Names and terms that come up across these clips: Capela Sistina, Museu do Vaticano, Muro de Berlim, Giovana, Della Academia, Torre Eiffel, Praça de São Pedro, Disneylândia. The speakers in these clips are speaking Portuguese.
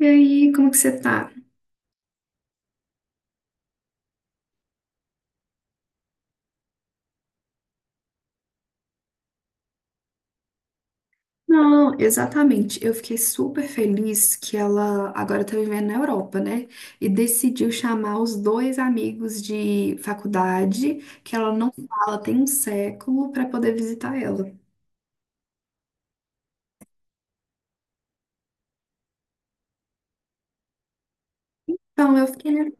E aí, como que você tá? Não, exatamente. Eu fiquei super feliz que ela agora tá vivendo na Europa, né? E decidiu chamar os dois amigos de faculdade, que ela não fala tem um século, para poder visitar ela. Então, eu fiquei na...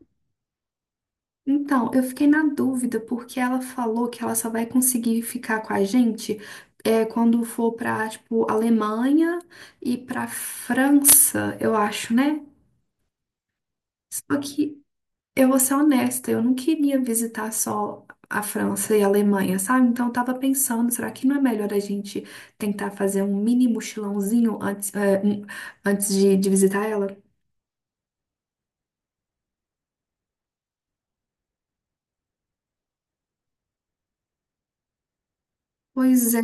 Então, eu fiquei na dúvida porque ela falou que ela só vai conseguir ficar com a gente quando for pra, tipo, Alemanha e pra França, eu acho, né? Só que eu vou ser honesta, eu não queria visitar só a França e a Alemanha, sabe? Então eu tava pensando, será que não é melhor a gente tentar fazer um mini mochilãozinho antes, antes de visitar ela? Pois é.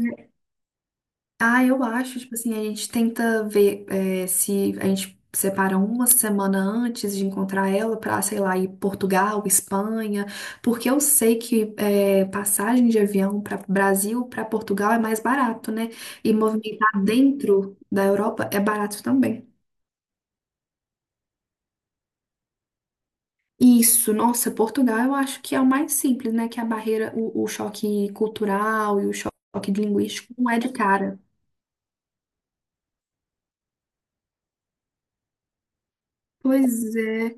Ah, eu acho, tipo assim, a gente tenta ver se a gente separa uma semana antes de encontrar ela pra, sei lá, ir Portugal, Espanha, porque eu sei que passagem de avião para Brasil, para Portugal é mais barato, né? E movimentar dentro da Europa é barato também. Isso, nossa, Portugal eu acho que é o mais simples, né? Que é a barreira, o choque cultural e o choque linguístico não é de cara. Pois é.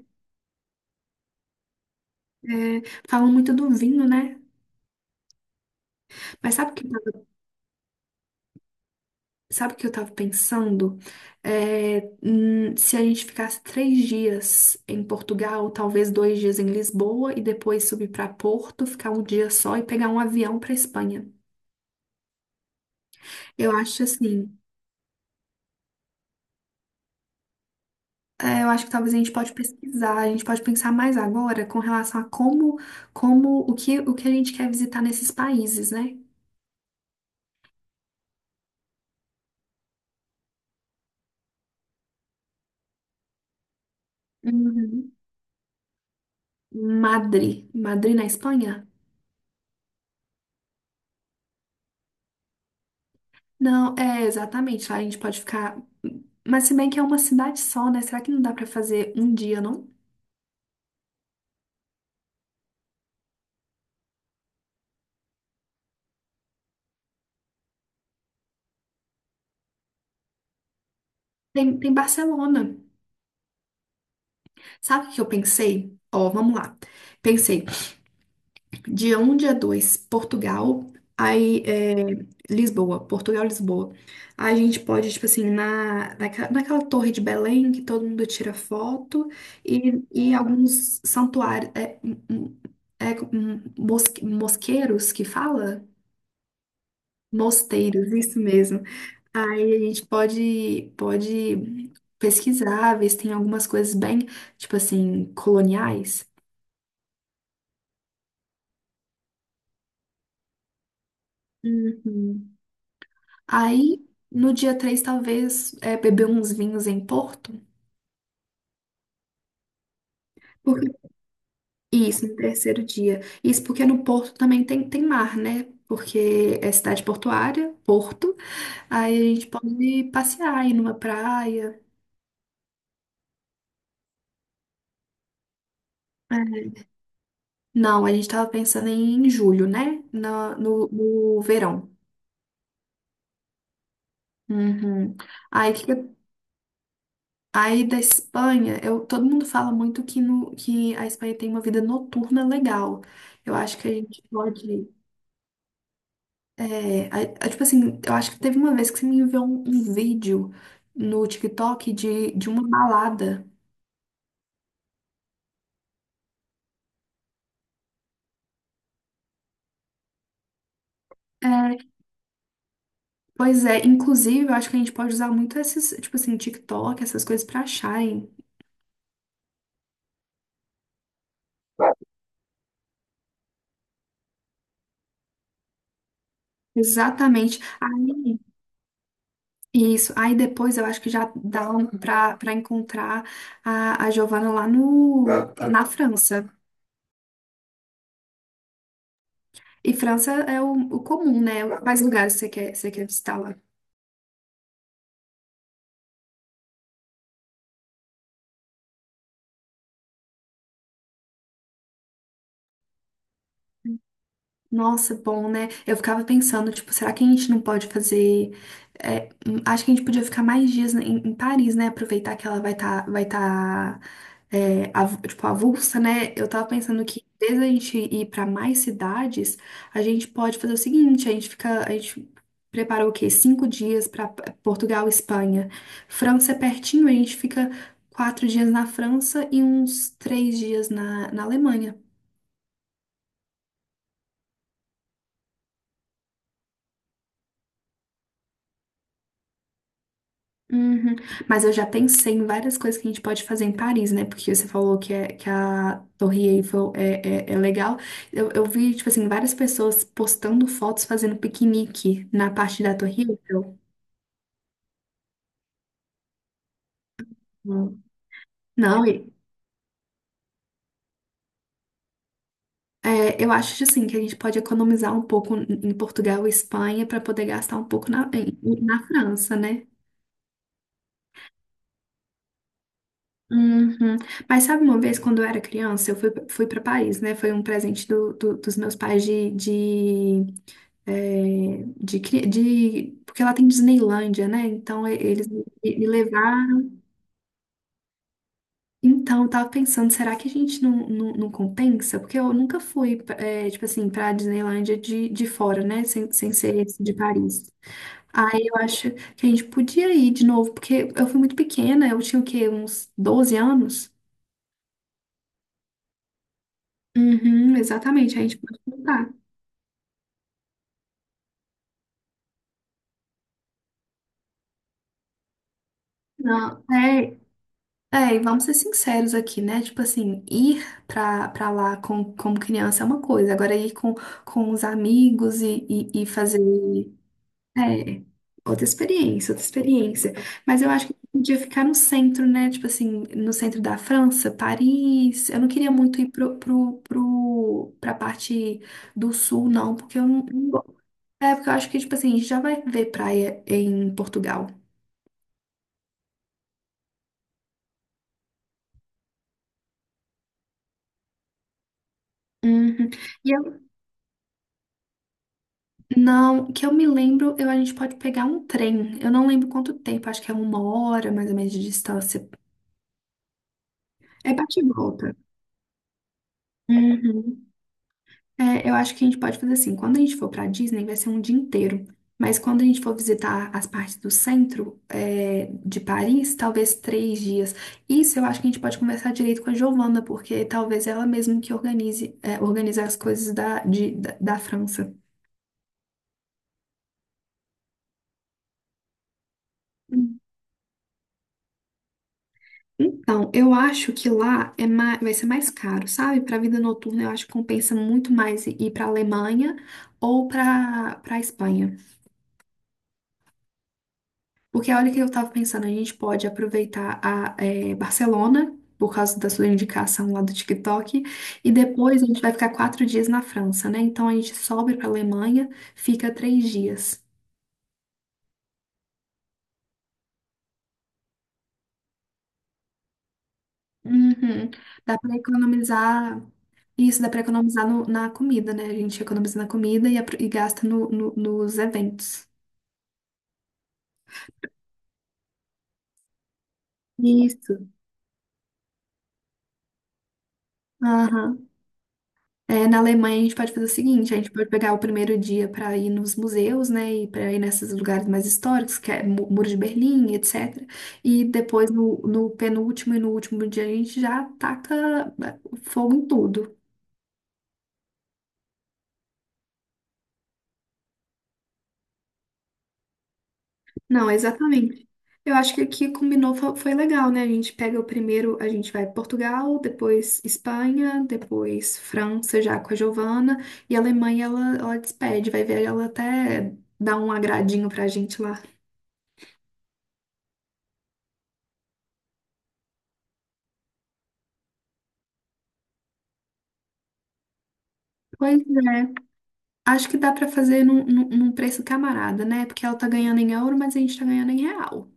é, Falam muito do vinho, né? Mas sabe o que, eu tava- sabe o que eu tava pensando? Se a gente ficasse 3 dias em Portugal, talvez 2 dias em Lisboa e depois subir para Porto, ficar um dia só e pegar um avião para Espanha. Eu acho assim, eu acho que talvez a gente pode pesquisar, a gente pode pensar mais agora com relação a como, o que a gente quer visitar nesses países, né? Uhum. Madrid, Madrid na Espanha? Não, é exatamente. Lá a gente pode ficar. Mas se bem que é uma cidade só, né? Será que não dá pra fazer um dia, não? Tem Barcelona. Sabe o que eu pensei? Ó, vamos lá. Pensei, dia um dia 2, Portugal, aí Lisboa, Portugal, Lisboa. Aí a gente pode, tipo assim, naquela torre de Belém que todo mundo tira foto e alguns santuários, mosqueiros que fala? Mosteiros, isso mesmo. Aí a gente pode pesquisar, ver se tem algumas coisas bem, tipo assim, coloniais. Uhum. Aí, no dia 3 talvez beber uns vinhos em Porto. Porque- Isso, no terceiro dia. Isso porque no Porto também tem mar, né? Porque é cidade portuária, Porto. Aí a gente pode passear, ir numa praia. É. Não, a gente tava pensando em julho, né? No verão. Uhum. Aí, que aí da Espanha, eu, todo mundo fala muito que, no, que a Espanha tem uma vida noturna legal. Eu acho que a gente pode. Tipo assim, eu acho que teve uma vez que você me enviou um vídeo no TikTok de uma balada. É, Pois é, inclusive, eu acho que a gente pode usar muito esses, tipo assim, TikTok, essas coisas pra acharem. Exatamente. Isso. Aí depois eu acho que já dá um pra para encontrar a Giovana lá no, Tá, tá. na França. E França é o comum, né? Quais lugares você quer visitar lá? Nossa, bom, né? Eu ficava pensando, tipo, será que a gente não pode fazer. Acho que a gente podia ficar mais dias em Paris, né? Aproveitar que ela vai tá, tipo, avulsa, né? Eu tava pensando que, desde a gente ir pra mais cidades, a gente pode fazer o seguinte: a gente fica. A gente prepara o quê? 5 dias pra Portugal, Espanha. França é pertinho, a gente fica 4 dias na França e uns 3 dias na Alemanha. Uhum. Mas eu já pensei em várias coisas que a gente pode fazer em Paris, né? Porque você falou que, que a Torre Eiffel é legal. Eu vi, tipo assim, várias pessoas postando fotos fazendo piquenique na parte da Torre Eiffel. Hum. Não, eu acho, assim, que a gente pode economizar um pouco em Portugal e Espanha para poder gastar um pouco na França, né? Uhum. Mas sabe uma vez, quando eu era criança, eu fui para Paris, né? Foi um presente dos meus pais de, é, de, cri- de, porque ela tem Disneylândia, né? Então eles me levaram. Então eu tava pensando, será que a gente não compensa? Porque eu nunca fui, tipo assim, pra Disneylândia de fora, né? Sem ser esse de Paris. Aí eu acho que a gente podia ir de novo, porque eu fui muito pequena, eu tinha o quê? Uns 12 anos? Uhum, exatamente, a gente pode voltar. Não, e vamos ser sinceros aqui, né? Tipo assim, ir pra lá como criança é uma coisa, agora ir com os amigos e fazer. É, outra experiência, outra experiência. Mas eu acho que podia ficar no centro, né? Tipo assim, no centro da França, Paris. Eu não queria muito ir pra parte do sul, não, porque eu não. É, porque eu acho que, tipo assim, a gente já vai ver praia em Portugal. Uhum. E eu Não, que eu me lembro, a gente pode pegar um trem. Eu não lembro quanto tempo, acho que é 1 hora mais ou menos de distância. É bate e volta. Uhum. É, eu acho que a gente pode fazer assim. Quando a gente for pra Disney, vai ser um dia inteiro. Mas quando a gente for visitar as partes do centro, de Paris, talvez 3 dias. Isso eu acho que a gente pode conversar direito com a Giovana, porque talvez ela mesma que organize, organize as coisas da França. Então, eu acho que lá é mais, vai ser mais caro, sabe? Para vida noturna, eu acho que compensa muito mais ir para Alemanha ou para Espanha. Porque olha o que eu estava pensando, a gente pode aproveitar Barcelona, por causa da sua indicação lá do TikTok, e depois a gente vai ficar 4 dias na França, né? Então a gente sobe para Alemanha, fica 3 dias. Uhum. Dá para economizar. Isso, dá para economizar na comida, né? A gente economiza na comida e, e gasta nos eventos. Isso. Aham. É, na Alemanha a gente pode fazer o seguinte, a gente pode pegar o primeiro dia para ir nos museus, né, e para ir nesses lugares mais históricos, que é Muro de Berlim, etc. E depois no penúltimo e no último dia a gente já taca né, fogo em tudo. Não, exatamente. Eu acho que aqui combinou, foi legal, né? A gente pega o primeiro, a gente vai Portugal, depois Espanha, depois França já com a Giovana, e a Alemanha ela despede, vai ver ela até dar um agradinho pra gente lá. Pois é, acho que dá pra fazer num preço camarada, né? Porque ela tá ganhando em euro, mas a gente tá ganhando em real.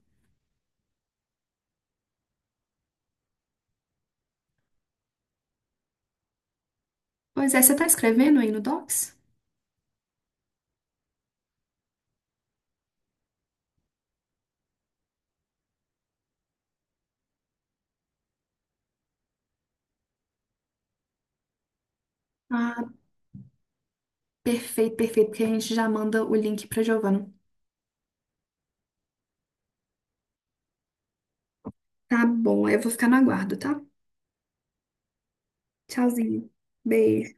Pois é, você tá escrevendo aí no Docs? Ah, perfeito, perfeito, porque a gente já manda o link pra Giovana. Tá bom, aí eu vou ficar no aguardo, tá? Tchauzinho. Beijo.